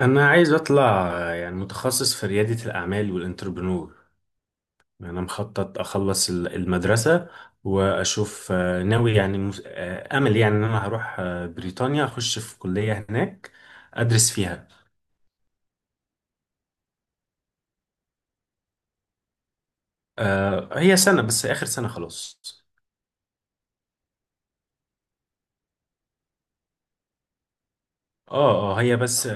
أنا عايز أطلع يعني متخصص في ريادة الأعمال والإنتربرنور. أنا مخطط أخلص المدرسة وأشوف ناوي، يعني أمل يعني إن أنا هروح بريطانيا، أخش في كلية هناك أدرس فيها. هي سنة بس، آخر سنة خلاص. هي بس،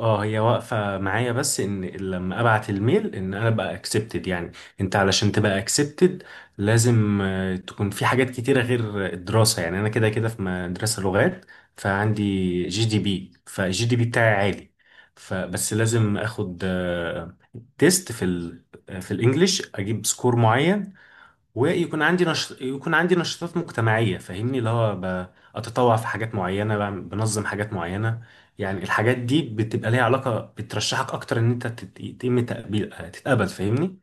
اه هي واقفة معايا، بس ان لما ابعت الميل ان انا بقى اكسبتد يعني. انت علشان تبقى اكسبتد لازم تكون في حاجات كتيرة غير الدراسة، يعني انا كده كده في مدرسة لغات فعندي جي دي بي، فالجي دي بي بتاعي عالي. فبس لازم اخد تيست في في الانجليش، اجيب سكور معين ويكون عندي يكون عندي نشاطات مجتمعية، فاهمني اللي هو أتطوع في حاجات معينة، بنظم حاجات معينة. يعني الحاجات دي بتبقى ليها علاقة بترشحك أكتر، إن أنت يتم تقبيل تتقبل، فاهمني.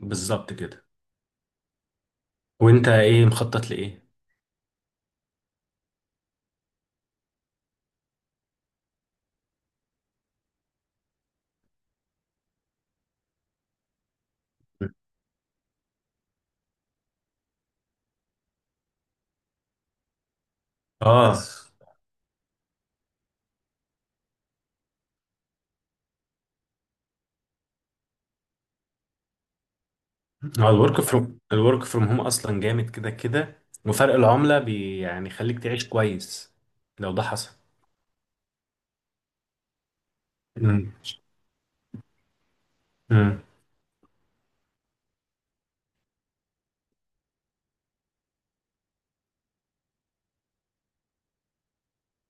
بالظبط كده. وأنت إيه مخطط لإيه؟ آه، هو الورك فروم هوم أصلا جامد، كده كده وفرق العملة يعني يخليك تعيش كويس لو ده حصل. مم.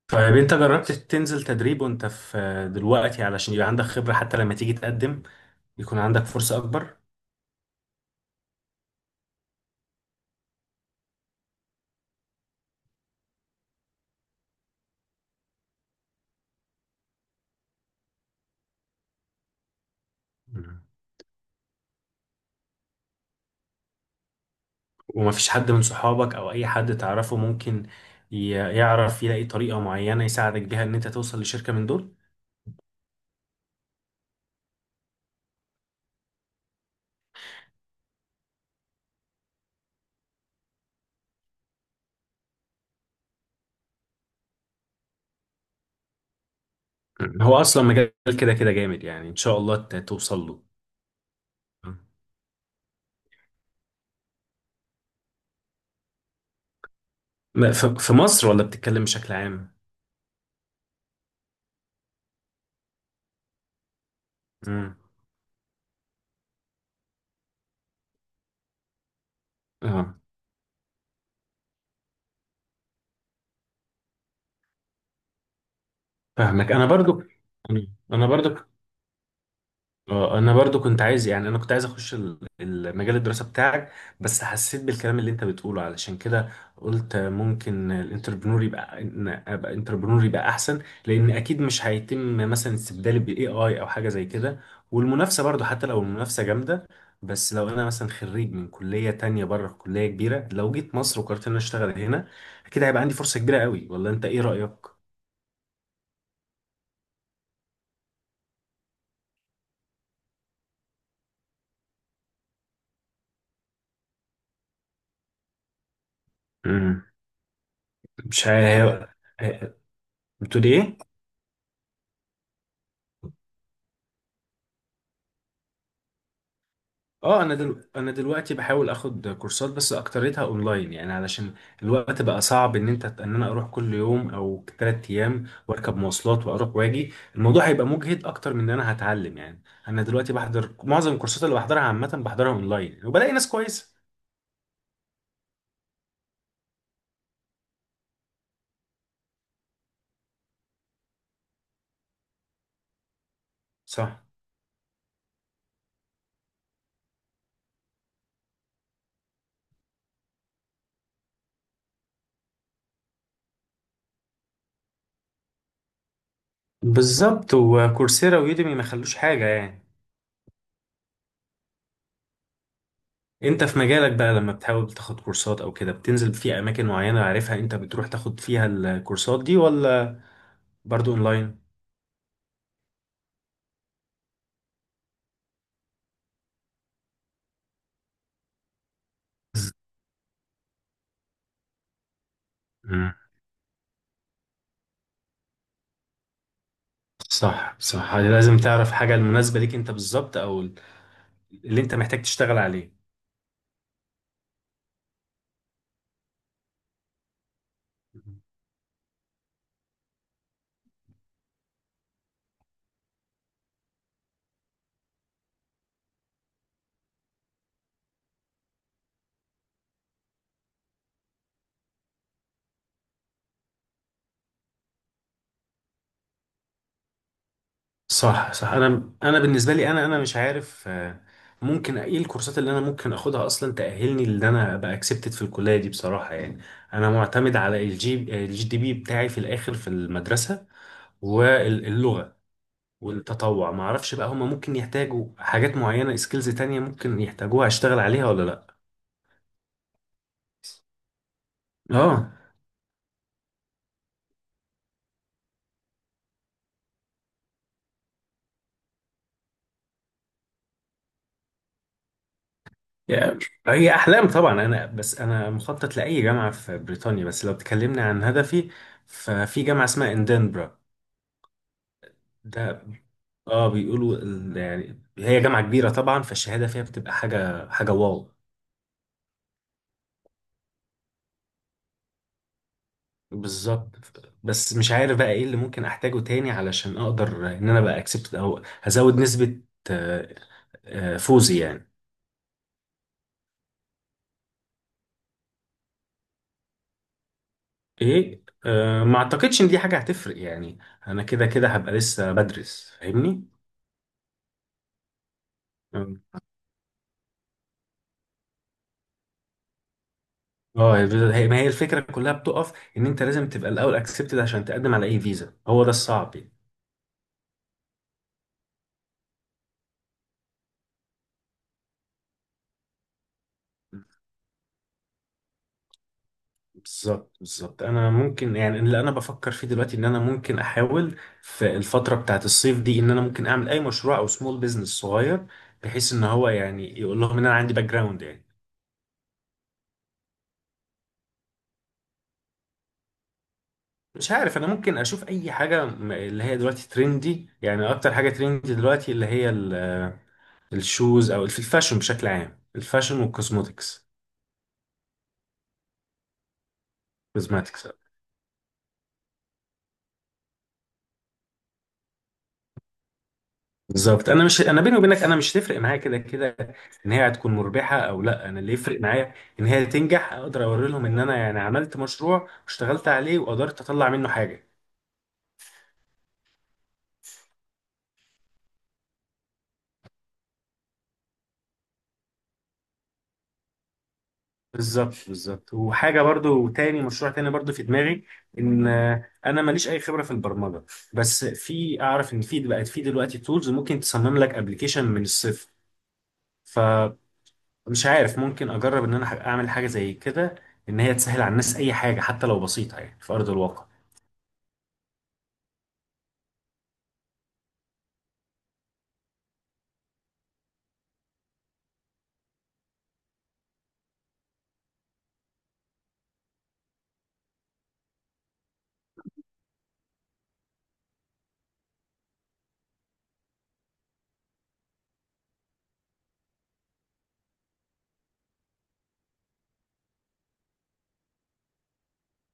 طيب انت جربت تنزل تدريب وانت في دلوقتي، علشان يبقى عندك خبرة حتى لما تيجي تقدم يكون عندك فرصة اكبر. مم. ومفيش حد من صحابك او اي حد تعرفه ممكن يعرف يلاقي طريقة معينة يساعدك بيها ان انت توصل لشركة من دول؟ مم. هو اصلا مجال كده كده جامد، يعني ان شاء الله توصل له. مم. في مصر ولا بتتكلم بشكل عام؟ مم. اه، فاهمك. انا برضو، انا برضو انا برضو كنت عايز، يعني انا كنت عايز اخش المجال الدراسه بتاعك، بس حسيت بالكلام اللي انت بتقوله، علشان كده قلت ممكن الانتربرنور يبقى، إن ابقى انتربرنور يبقى احسن، لان اكيد مش هيتم مثلا استبدالي بالاي اي او حاجه زي كده. والمنافسه برضو حتى لو المنافسه جامده، بس لو انا مثلا خريج من كليه تانية بره، كليه كبيره، لو جيت مصر وقررت ان أنا اشتغل هنا اكيد هيبقى عندي فرصه كبيره قوي، ولا انت ايه رايك؟ امم، مش عارف بتقول ايه. اه، انا انا دلوقتي بحاول اخد كورسات، بس اكتريتها اونلاين يعني، علشان الوقت بقى صعب ان انت ان انا اروح كل يوم او ثلاث ايام واركب مواصلات واروح واجي، الموضوع هيبقى مجهد اكتر من ان انا هتعلم يعني. انا دلوقتي بحضر معظم الكورسات اللي بحضرها، عامة بحضرها اونلاين وبلاقي ناس كويسة. صح، بالظبط، وكورسيرا ويوديمي ما خلوش حاجة يعني. انت في مجالك بقى، لما بتحاول تاخد كورسات او كده بتنزل في اماكن معينة عارفها انت بتروح تاخد فيها الكورسات دي، ولا برضو اونلاين؟ صح صح، يعني لازم تعرف حاجة المناسبة ليك انت بالظبط، او اللي انت محتاج تشتغل عليه. صح صح. انا بالنسبة لي، انا مش عارف ممكن ايه الكورسات اللي انا ممكن اخدها اصلا تأهلني ان انا ابقى اكسبتد في الكلية دي، بصراحة يعني. انا معتمد على الجي دي بي بتاعي في الاخر في المدرسة، واللغة والتطوع. ما اعرفش بقى هما ممكن يحتاجوا حاجات معينة، سكيلز تانية ممكن يحتاجوها اشتغل عليها ولا لا. اه. يعني هي أحلام طبعا، أنا بس أنا مخطط لأي جامعة في بريطانيا، بس لو تكلمنا عن هدفي ففي جامعة اسمها إندنبرا. ده، اه، بيقولوا يعني هي جامعة كبيرة طبعا، فالشهادة فيها بتبقى حاجة، حاجة واو. بالظبط. بس مش عارف بقى ايه اللي ممكن احتاجه تاني علشان اقدر ان انا بقى اكسبت، او هزود نسبة آه، فوزي يعني. ايه ما اعتقدش ان دي حاجة هتفرق يعني، انا كده كده هبقى لسه بدرس فاهمني. اه هي الفيزا، هي ما هي الفكره كلها بتقف ان انت لازم تبقى الاول اكسبتد عشان تقدم على اي فيزا، هو ده الصعب يعني. بالظبط بالظبط. انا ممكن يعني، اللي انا بفكر فيه دلوقتي ان انا ممكن احاول في الفتره بتاعت الصيف دي ان انا ممكن اعمل اي مشروع او سمول بيزنس صغير، بحيث ان هو يعني يقول لهم ان انا عندي باك جراوند يعني. مش عارف، انا ممكن اشوف اي حاجه اللي هي دلوقتي ترندي، يعني اكتر حاجه ترندي دلوقتي اللي هي الشوز، او في الفاشن بشكل عام، الفاشن والكوزموتكس. كوزماتكس. بالظبط. انا مش، انا بيني وبينك انا مش تفرق معايا كده كده ان هي هتكون مربحه او لا، انا اللي يفرق معايا ان هي تنجح، اقدر اوري لهم ان انا يعني عملت مشروع واشتغلت عليه وقدرت اطلع منه حاجه. بالظبط بالظبط. وحاجه برضو تاني، مشروع تاني برضو في دماغي، ان انا ماليش اي خبره في البرمجه، بس في اعرف ان في بقت في دلوقتي تولز ممكن تصمم لك ابلكيشن من الصفر، فمش عارف ممكن اجرب ان انا اعمل حاجه زي كده، ان هي تسهل على الناس اي حاجه حتى لو بسيطه يعني في ارض الواقع.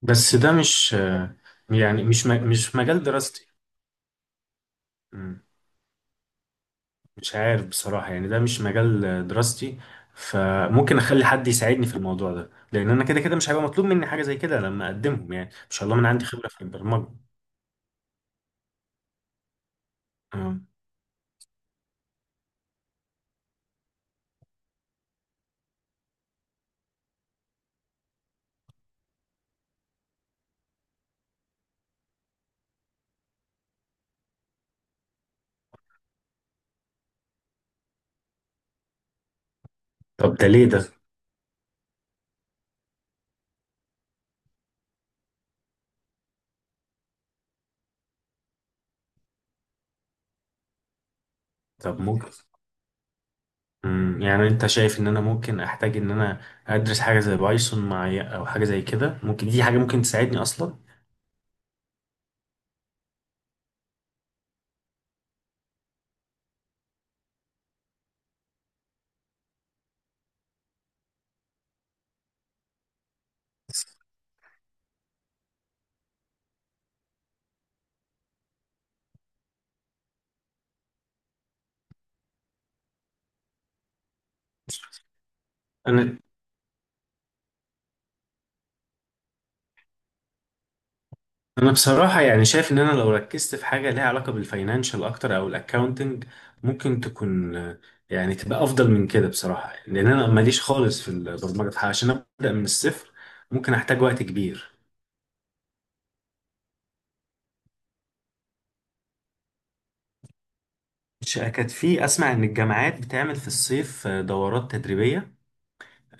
بس ده مش يعني مش مجال دراستي. مم. مش عارف بصراحة يعني، ده مش مجال دراستي، فممكن اخلي حد يساعدني في الموضوع ده، لان انا كده كده مش هيبقى مطلوب مني حاجة زي كده لما اقدمهم، يعني ان شاء الله من عندي خبرة في البرمجة. مم. طب ده ليه ده؟ طب ممكن، مم. يعني انت شايف ان انا ممكن احتاج ان انا ادرس حاجة زي بايثون معايا، او حاجة زي كده ممكن دي حاجة ممكن تساعدني اصلا؟ انا انا بصراحة يعني شايف ان انا لو ركزت في حاجة ليها علاقة بالفاينانشال اكتر، او الاكاونتنج، ممكن تكون يعني تبقى افضل من كده بصراحة، لان انا ماليش خالص في البرمجة عشان ابدأ من الصفر، ممكن احتاج وقت كبير. كانت في اسمع ان الجامعات بتعمل في الصيف دورات تدريبية،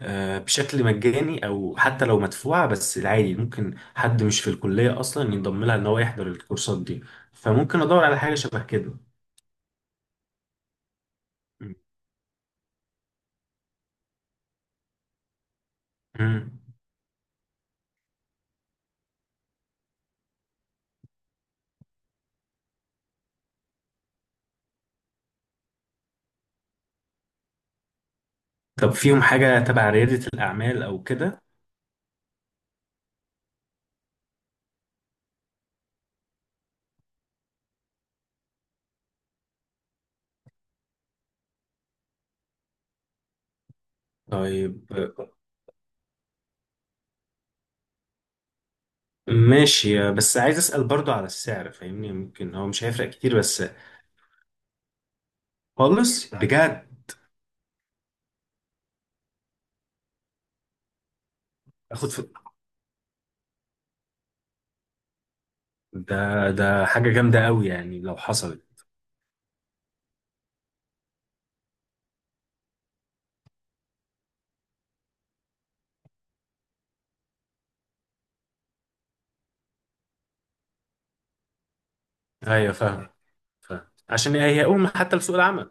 بشكل مجاني او حتى لو مدفوعة، بس العادي ممكن حد مش في الكلية اصلا ينضم لها، ان هو يحضر الكورسات دي، فممكن ادور على حاجة شبه كده. مم. طب فيهم حاجة تبع ريادة الأعمال أو كده؟ طيب ماشي، بس عايز أسأل برضو على السعر فاهمني، ممكن هو مش هيفرق كتير بس. خالص؟ بجد؟ أخد في؟ ده، ده حاجة جامدة أوي يعني لو حصلت. أيوة فاهم، فاهم، عشان هي أم حتى لسوق العمل.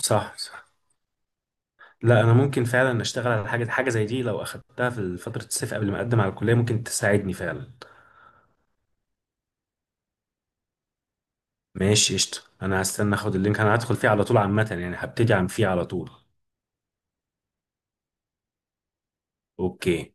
صح صح. لا أنا ممكن فعلا أشتغل على حاجة، حاجة زي دي لو أخدتها في فترة الصيف قبل ما أقدم على الكلية ممكن تساعدني فعلا. ماشي قشطة، أنا هستنى أخد اللينك، أنا هدخل فيه على طول عامة يعني، هبتدي عن فيه على طول. أوكي.